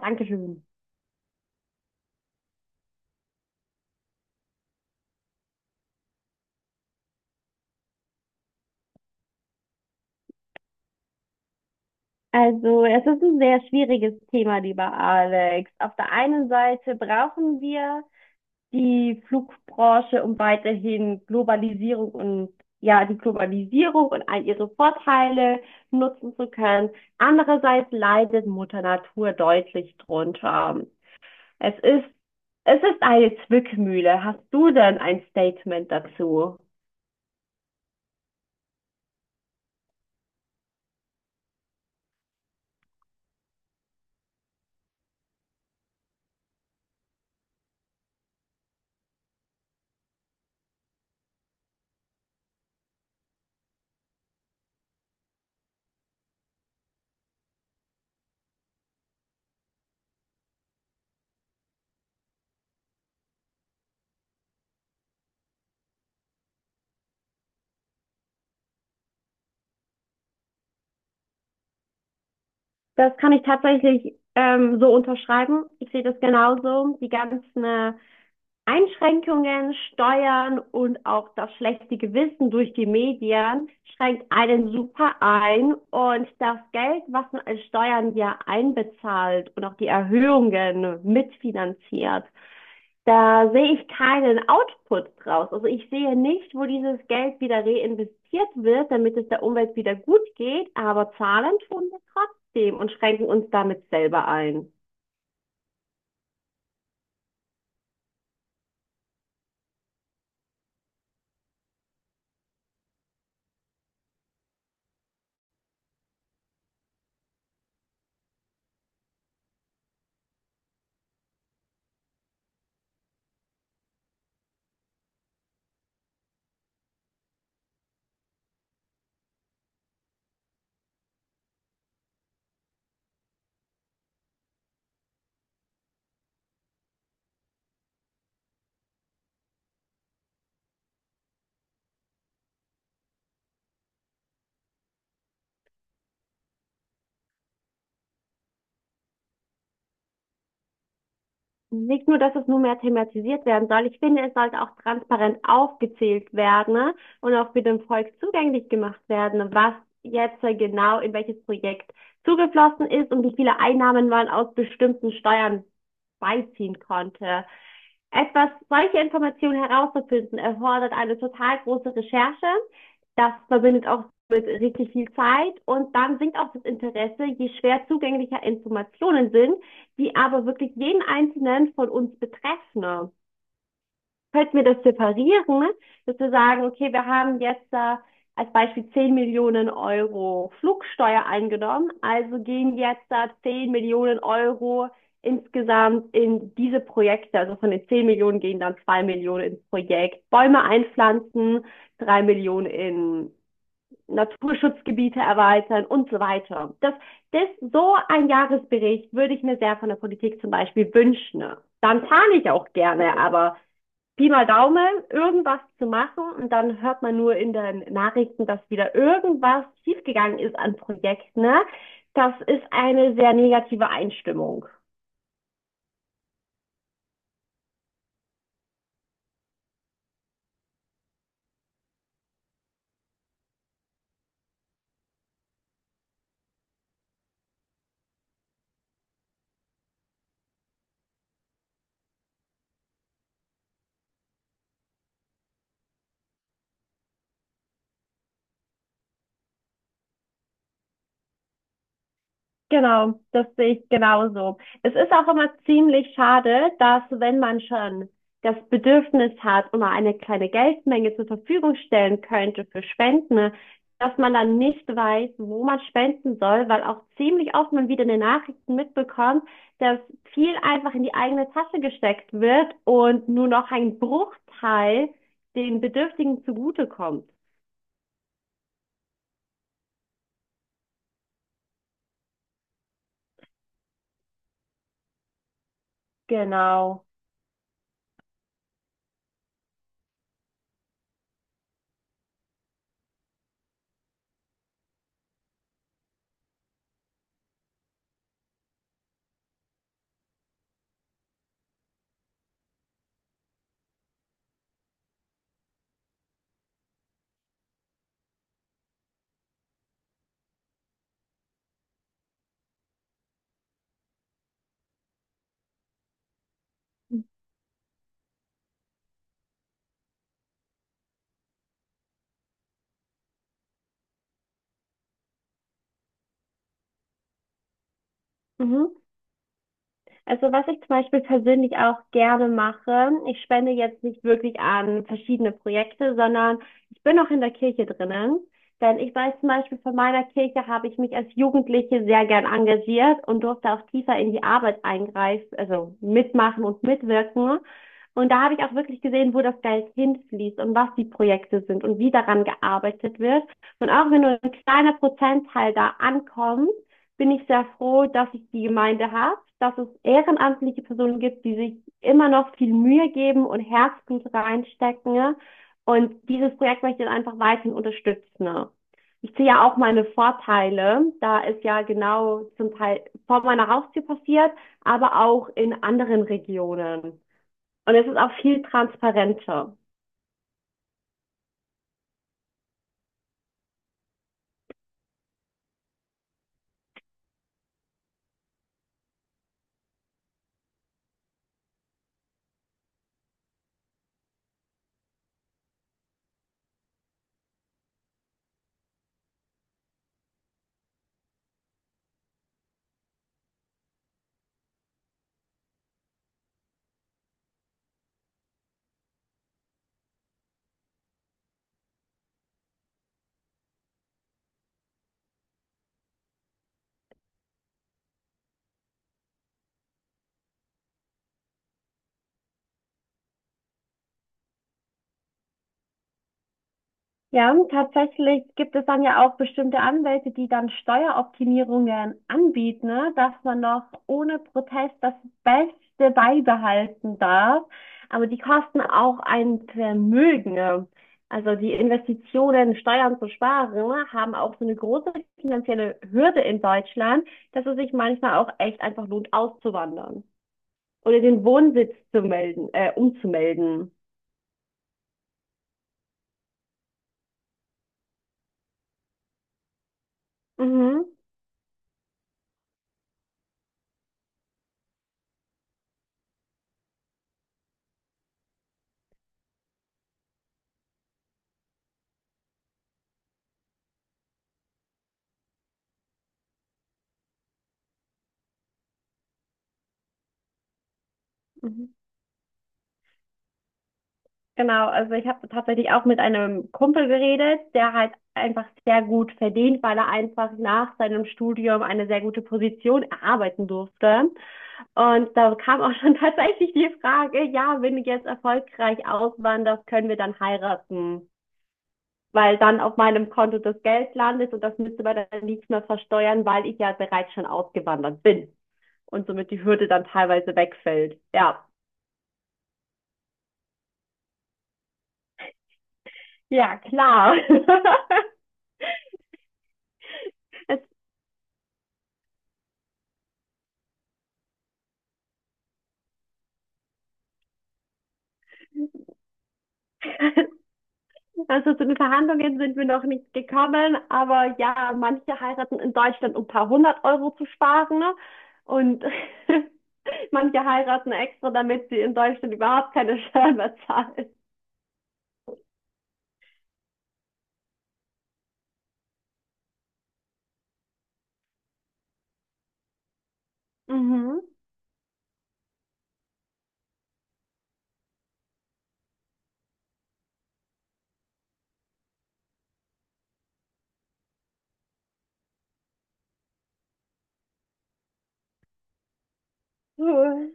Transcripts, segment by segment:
Dankeschön. Also, es ist ein sehr schwieriges Thema, lieber Alex. Auf der einen Seite brauchen wir die Flugbranche, um weiterhin Globalisierung und ja, die Globalisierung und all ihre Vorteile nutzen zu können. Andererseits leidet Mutter Natur deutlich drunter. Es ist, Es ist eine Zwickmühle. Hast du denn ein Statement dazu? Das kann ich tatsächlich so unterschreiben. Ich sehe das genauso. Die ganzen Einschränkungen, Steuern und auch das schlechte Gewissen durch die Medien schränkt einen super ein und das Geld, was man als Steuern ja einbezahlt und auch die Erhöhungen mitfinanziert, da sehe ich keinen Output draus. Also ich sehe nicht, wo dieses Geld wieder reinvestiert wird, damit es der Umwelt wieder gut geht, aber zahlen tun wir trotzdem und schränken uns damit selber ein. Nicht nur, dass es nur mehr thematisiert werden soll, ich finde, es sollte auch transparent aufgezählt werden, ne? Und auch für den Volk zugänglich gemacht werden, was jetzt genau in welches Projekt zugeflossen ist und wie viele Einnahmen man aus bestimmten Steuern beiziehen konnte. Etwas, solche Informationen herauszufinden, erfordert eine total große Recherche. Das verbindet auch mit richtig viel Zeit und dann sinkt auch das Interesse, je schwer zugänglicher Informationen sind, die aber wirklich jeden Einzelnen von uns betreffen. Könnten wir das separieren, ne? Dass wir sagen, okay, wir haben jetzt als Beispiel 10 Millionen Euro Flugsteuer eingenommen, also gehen jetzt da 10 Millionen Euro insgesamt in diese Projekte, also von den 10 Millionen gehen dann 2 Millionen ins Projekt Bäume einpflanzen, 3 Millionen in Naturschutzgebiete erweitern und so weiter. So ein Jahresbericht würde ich mir sehr von der Politik zum Beispiel wünschen. Dann zahle ich auch gerne, aber Pi mal Daumen, irgendwas zu machen und dann hört man nur in den Nachrichten, dass wieder irgendwas schiefgegangen ist an Projekten. Ne? Das ist eine sehr negative Einstimmung. Genau, das sehe ich genauso. Es ist auch immer ziemlich schade, dass wenn man schon das Bedürfnis hat und mal eine kleine Geldmenge zur Verfügung stellen könnte für Spenden, dass man dann nicht weiß, wo man spenden soll, weil auch ziemlich oft man wieder in den Nachrichten mitbekommt, dass viel einfach in die eigene Tasche gesteckt wird und nur noch ein Bruchteil den Bedürftigen zugutekommt. Genau. Mhm. Also was ich zum Beispiel persönlich auch gerne mache, ich spende jetzt nicht wirklich an verschiedene Projekte, sondern ich bin auch in der Kirche drinnen. Denn ich weiß zum Beispiel, von meiner Kirche habe ich mich als Jugendliche sehr gern engagiert und durfte auch tiefer in die Arbeit eingreifen, also mitmachen und mitwirken. Und da habe ich auch wirklich gesehen, wo das Geld hinfließt und was die Projekte sind und wie daran gearbeitet wird. Und auch wenn nur ein kleiner Prozentteil da ankommt, bin ich sehr froh, dass ich die Gemeinde habe, dass es ehrenamtliche Personen gibt, die sich immer noch viel Mühe geben und Herzblut reinstecken, ne? Und dieses Projekt möchte ich dann einfach weiterhin unterstützen. Ich sehe ja auch meine Vorteile. Da ist ja genau zum Teil vor meiner Haustür passiert, aber auch in anderen Regionen. Und es ist auch viel transparenter. Ja, tatsächlich gibt es dann ja auch bestimmte Anwälte, die dann Steueroptimierungen anbieten, ne, dass man noch ohne Protest das Beste beibehalten darf. Aber die kosten auch ein Vermögen, ne. Also die Investitionen, Steuern zu sparen, ne, haben auch so eine große finanzielle Hürde in Deutschland, dass es sich manchmal auch echt einfach lohnt, auszuwandern oder den Wohnsitz zu melden, umzumelden. Mhm. Mhm. Genau, also ich habe tatsächlich auch mit einem Kumpel geredet, der halt einfach sehr gut verdient, weil er einfach nach seinem Studium eine sehr gute Position erarbeiten durfte. Und da kam auch schon tatsächlich die Frage, ja, wenn ich jetzt erfolgreich auswanderst, können wir dann heiraten? Weil dann auf meinem Konto das Geld landet und das müsste man dann nicht mehr versteuern, weil ich ja bereits schon ausgewandert bin und somit die Hürde dann teilweise wegfällt. Ja, ja, klar. Es Also zu den Verhandlungen sind wir noch nicht gekommen, aber ja, manche heiraten in Deutschland, um ein paar hundert Euro zu sparen, ne? Und manche heiraten extra, damit sie in Deutschland überhaupt keine Steuern mehr zahlen. Mhm. Cool.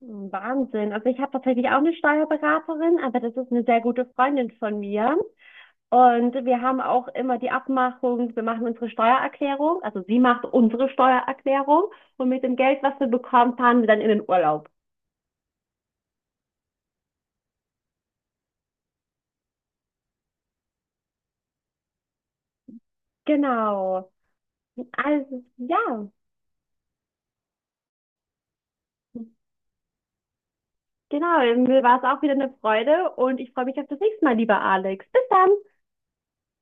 Wahnsinn. Also ich habe tatsächlich auch eine Steuerberaterin, aber das ist eine sehr gute Freundin von mir. Und wir haben auch immer die Abmachung, wir machen unsere Steuererklärung, also sie macht unsere Steuererklärung und mit dem Geld, was wir bekommen, fahren wir dann in den Urlaub. Genau. Also, ja, genau. Mir war es auch wieder eine Freude und ich freue mich auf das nächste Mal, lieber Alex. Bis dann.